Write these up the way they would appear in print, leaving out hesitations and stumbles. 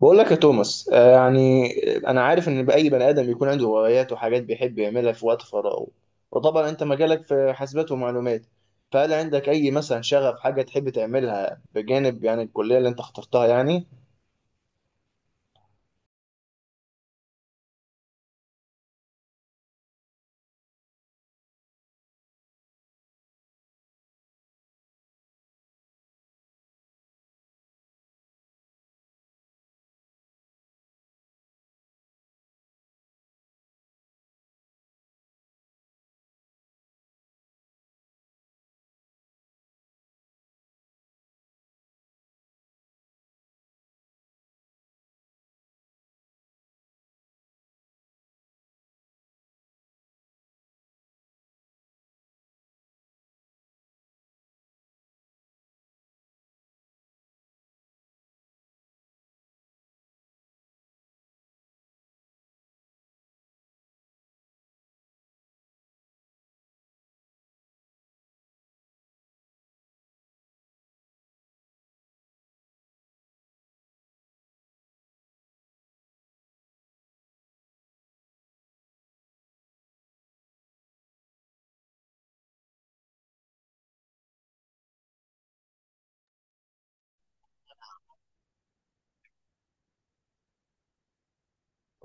بقول لك يا توماس، يعني انا عارف ان اي بني ادم بيكون عنده هوايات وحاجات بيحب يعملها في وقت فراغه. وطبعا انت مجالك في حاسبات ومعلومات. فهل عندك اي مثلا شغف، حاجه تحب تعملها بجانب يعني الكليه اللي انت اخترتها، يعني؟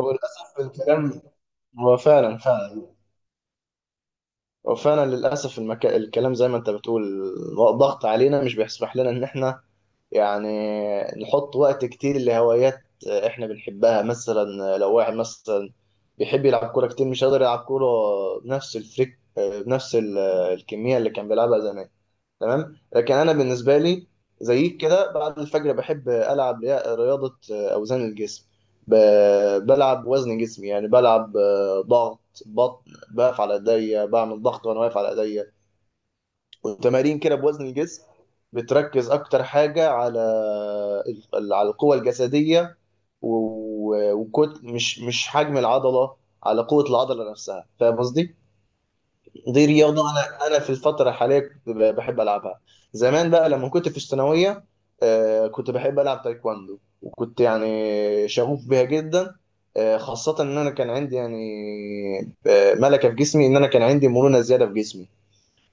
هو للاسف الكلام، هو فعلا فعلا، هو فعلا للاسف الكلام زي ما انت بتقول ضغط علينا، مش بيسمح لنا ان احنا يعني نحط وقت كتير لهوايات احنا بنحبها. مثلا لو واحد مثلا بيحب يلعب كورة كتير، مش قادر يلعب كورة بنفس الفريك، بنفس الكمية اللي كان بيلعبها زمان. تمام. لكن انا بالنسبة لي زيك كده بعد الفجر بحب العب رياضة اوزان الجسم. بلعب وزن جسمي، يعني بلعب ضغط بطن، بقف على ايديا، بعمل ضغط وانا واقف على ايديا، وتمارين كده بوزن الجسم. بتركز اكتر حاجه على على القوه الجسديه، وكت مش حجم العضله، على قوه العضله نفسها. فاهم قصدي؟ دي رياضه انا في الفتره الحاليه كنت بحب العبها. زمان بقى لما كنت في الثانويه، كنت بحب العب تايكواندو وكنت يعني شغوف بيها جدا. خاصه ان انا كان عندي يعني ملكه في جسمي، ان انا كان عندي مرونه زياده في جسمي.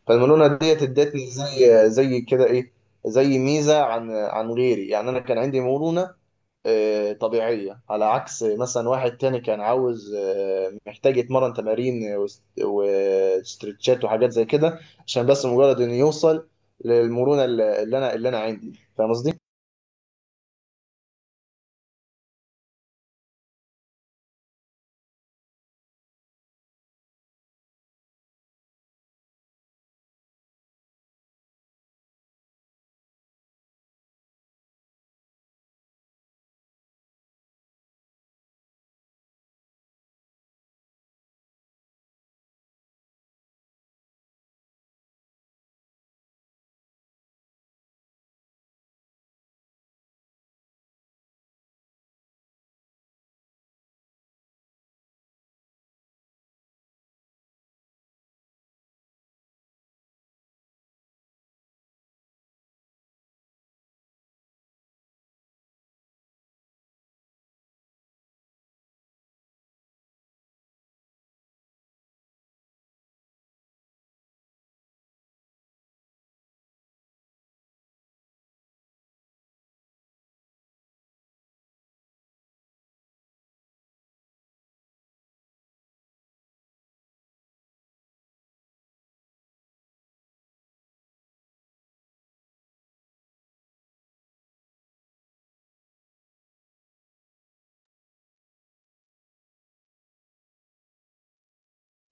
فالمرونه ديت ادتني زي كده ايه، زي ميزه عن غيري، يعني انا كان عندي مرونه طبيعيه، على عكس مثلا واحد تاني كان عاوز، محتاج يتمرن تمارين وستريتشات وحاجات زي كده، عشان بس مجرد انه يوصل للمرونه اللي انا عندي. فاهم قصدي؟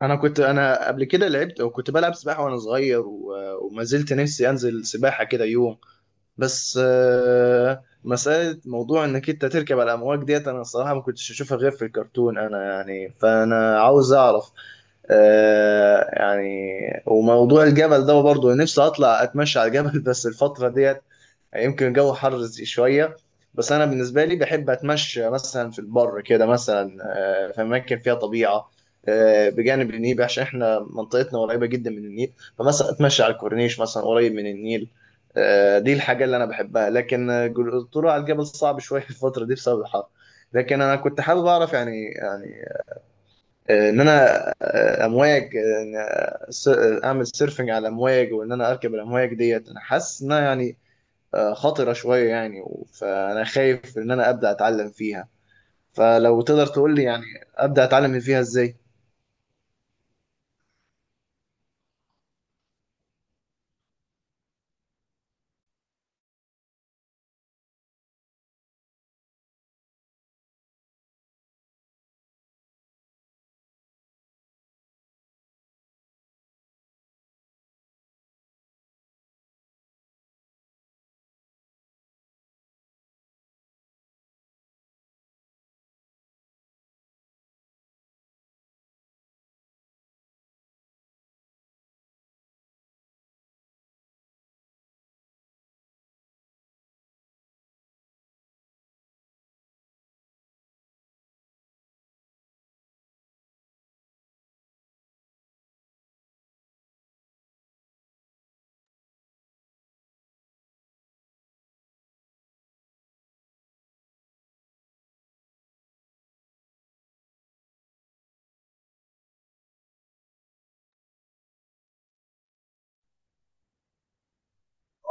انا كنت قبل كده لعبت وكنت بلعب سباحه وانا صغير، وما زلت نفسي انزل سباحه كده يوم. بس مسألة موضوع انك انت تركب على الامواج ديت، انا الصراحة ما كنتش اشوفها غير في الكرتون، انا يعني، فانا عاوز اعرف يعني. وموضوع الجبل ده برضه نفسي اطلع اتمشى على الجبل. بس الفترة ديت يمكن الجو حر شوية. بس أنا بالنسبة لي بحب أتمشى مثلا في البر كده، مثلا في أماكن فيها طبيعة، بجانب النيل، عشان إحنا منطقتنا قريبة جدا من النيل. فمثلا أتمشى على الكورنيش مثلا قريب من النيل. دي الحاجة اللي أنا بحبها. لكن الطلوع على الجبل صعب شوية الفترة دي بسبب الحر. لكن أنا كنت حابب أعرف، يعني إن أنا آه، أمواج آه، إن، آه، س- آه، أعمل سيرفنج على الأمواج، وإن أنا أركب الأمواج ديت. أنا حاسس إن أنا يعني خطرة شوية يعني. فأنا خايف إن أنا أبدأ أتعلم فيها. فلو تقدر تقول لي، يعني أبدأ أتعلم فيها إزاي؟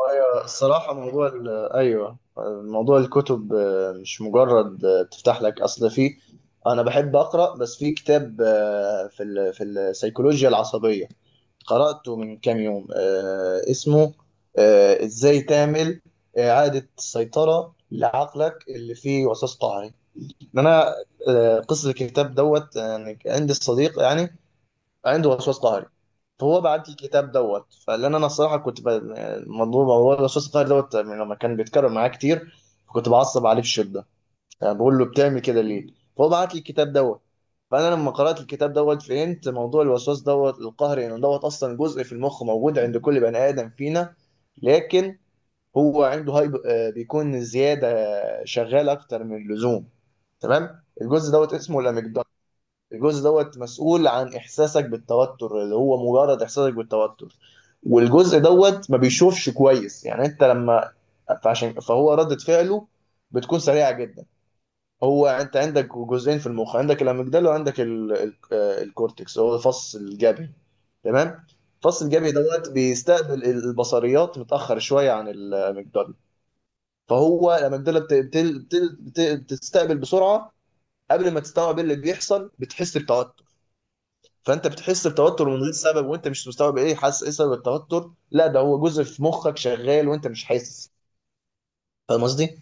أيوة، الصراحة أيوه، موضوع الكتب مش مجرد تفتح لك أصل في، أنا بحب أقرأ. بس في كتاب في في السيكولوجيا العصبية قرأته من كام يوم، اسمه إزاي تعمل إعادة سيطرة لعقلك اللي فيه وسواس قهري. ان انا آه، قصه الكتاب دوت، يعني عندي صديق يعني عنده وسواس قهري. فهو بعت لي الكتاب دوت، فلان انا الصراحه كنت مضروب. هو الوسواس القهري دوت يعني لما كان بيتكرر معايا كتير كنت بعصب عليه بشده، يعني بقول له: بتعمل كده ليه؟ فهو بعت لي الكتاب دوت. فانا لما قرات الكتاب دوت فهمت موضوع الوسواس دوت القهري، انه دوت اصلا جزء في المخ موجود عند كل بني ادم فينا. لكن هو عنده هايب، بيكون زياده، شغال اكتر من اللزوم. تمام. الجزء دوت اسمه الاميجدالا. الجزء دوت مسؤول عن احساسك بالتوتر، اللي هو مجرد احساسك بالتوتر. والجزء دوت ما بيشوفش كويس، يعني انت لما، فعشان فهو ردة فعله بتكون سريعة جدا. هو انت عندك جزئين في المخ، عندك الاميجدالا وعندك ال... ال... آه، الكورتكس، هو الفص الجبهي. تمام. الفص الجبهي دوت بيستقبل البصريات متأخر شوية عن الاميجدالا. فهو الاميجدالا بتستقبل بسرعة، قبل ما تستوعب ايه اللي بيحصل بتحس بتوتر. فانت بتحس بتوتر من غير سبب وانت مش مستوعب، ايه حاسس، ايه سبب التوتر؟ لا، ده هو جزء في مخك شغال وانت مش حاسس. فاهم قصدي؟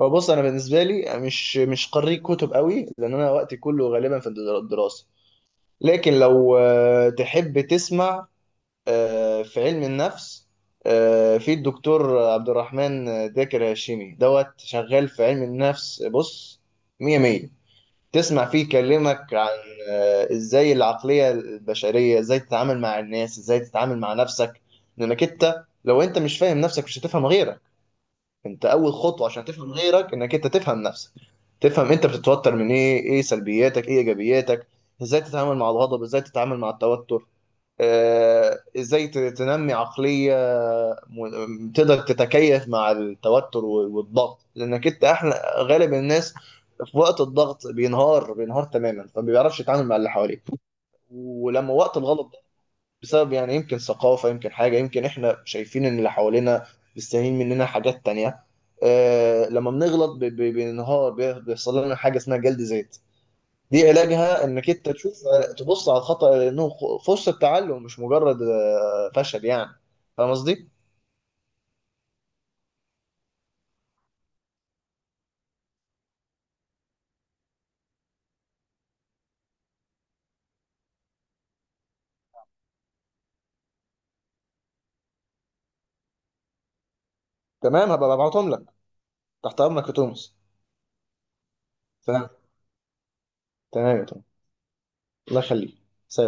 فبص، انا بالنسبه لي مش قارئ كتب قوي، لان انا وقتي كله غالبا في الدراسه. لكن لو تحب تسمع في علم النفس، في الدكتور عبد الرحمن، داكر هاشمي دوت شغال في علم النفس. بص، مية مية. تسمع فيه يكلمك عن ازاي العقلية البشرية، ازاي تتعامل مع الناس، ازاي تتعامل مع نفسك. لانك انت لو انت مش فاهم نفسك مش هتفهم غيرك. انت اول خطوة عشان تفهم غيرك انك انت تفهم نفسك. تفهم انت بتتوتر من ايه، ايه سلبياتك، ايه ايجابياتك، ازاي تتعامل مع الغضب، ازاي تتعامل مع التوتر. ازاي تنمي عقلية تقدر تتكيف مع التوتر والضغط، لانك انت احلى غالب الناس في وقت الضغط بينهار بينهار تماما، فما بيعرفش يتعامل مع اللي حواليه. ولما وقت الغلط ده بسبب، يعني يمكن ثقافة، يمكن حاجة، يمكن احنا شايفين ان اللي حوالينا مستاهلين مننا حاجات تانية. لما بنغلط بننهار، بيحصل لنا حاجة اسمها جلد ذات. دي علاجها انك انت تشوف، تبص على الخطأ انه فرصة تعلم، مش مجرد فشل يعني. فاهم قصدي؟ تمام، هبقى ببعتهم لك. تحت امرك يا توماس. تمام. تمام يا توماس، الله يخليك. سلام.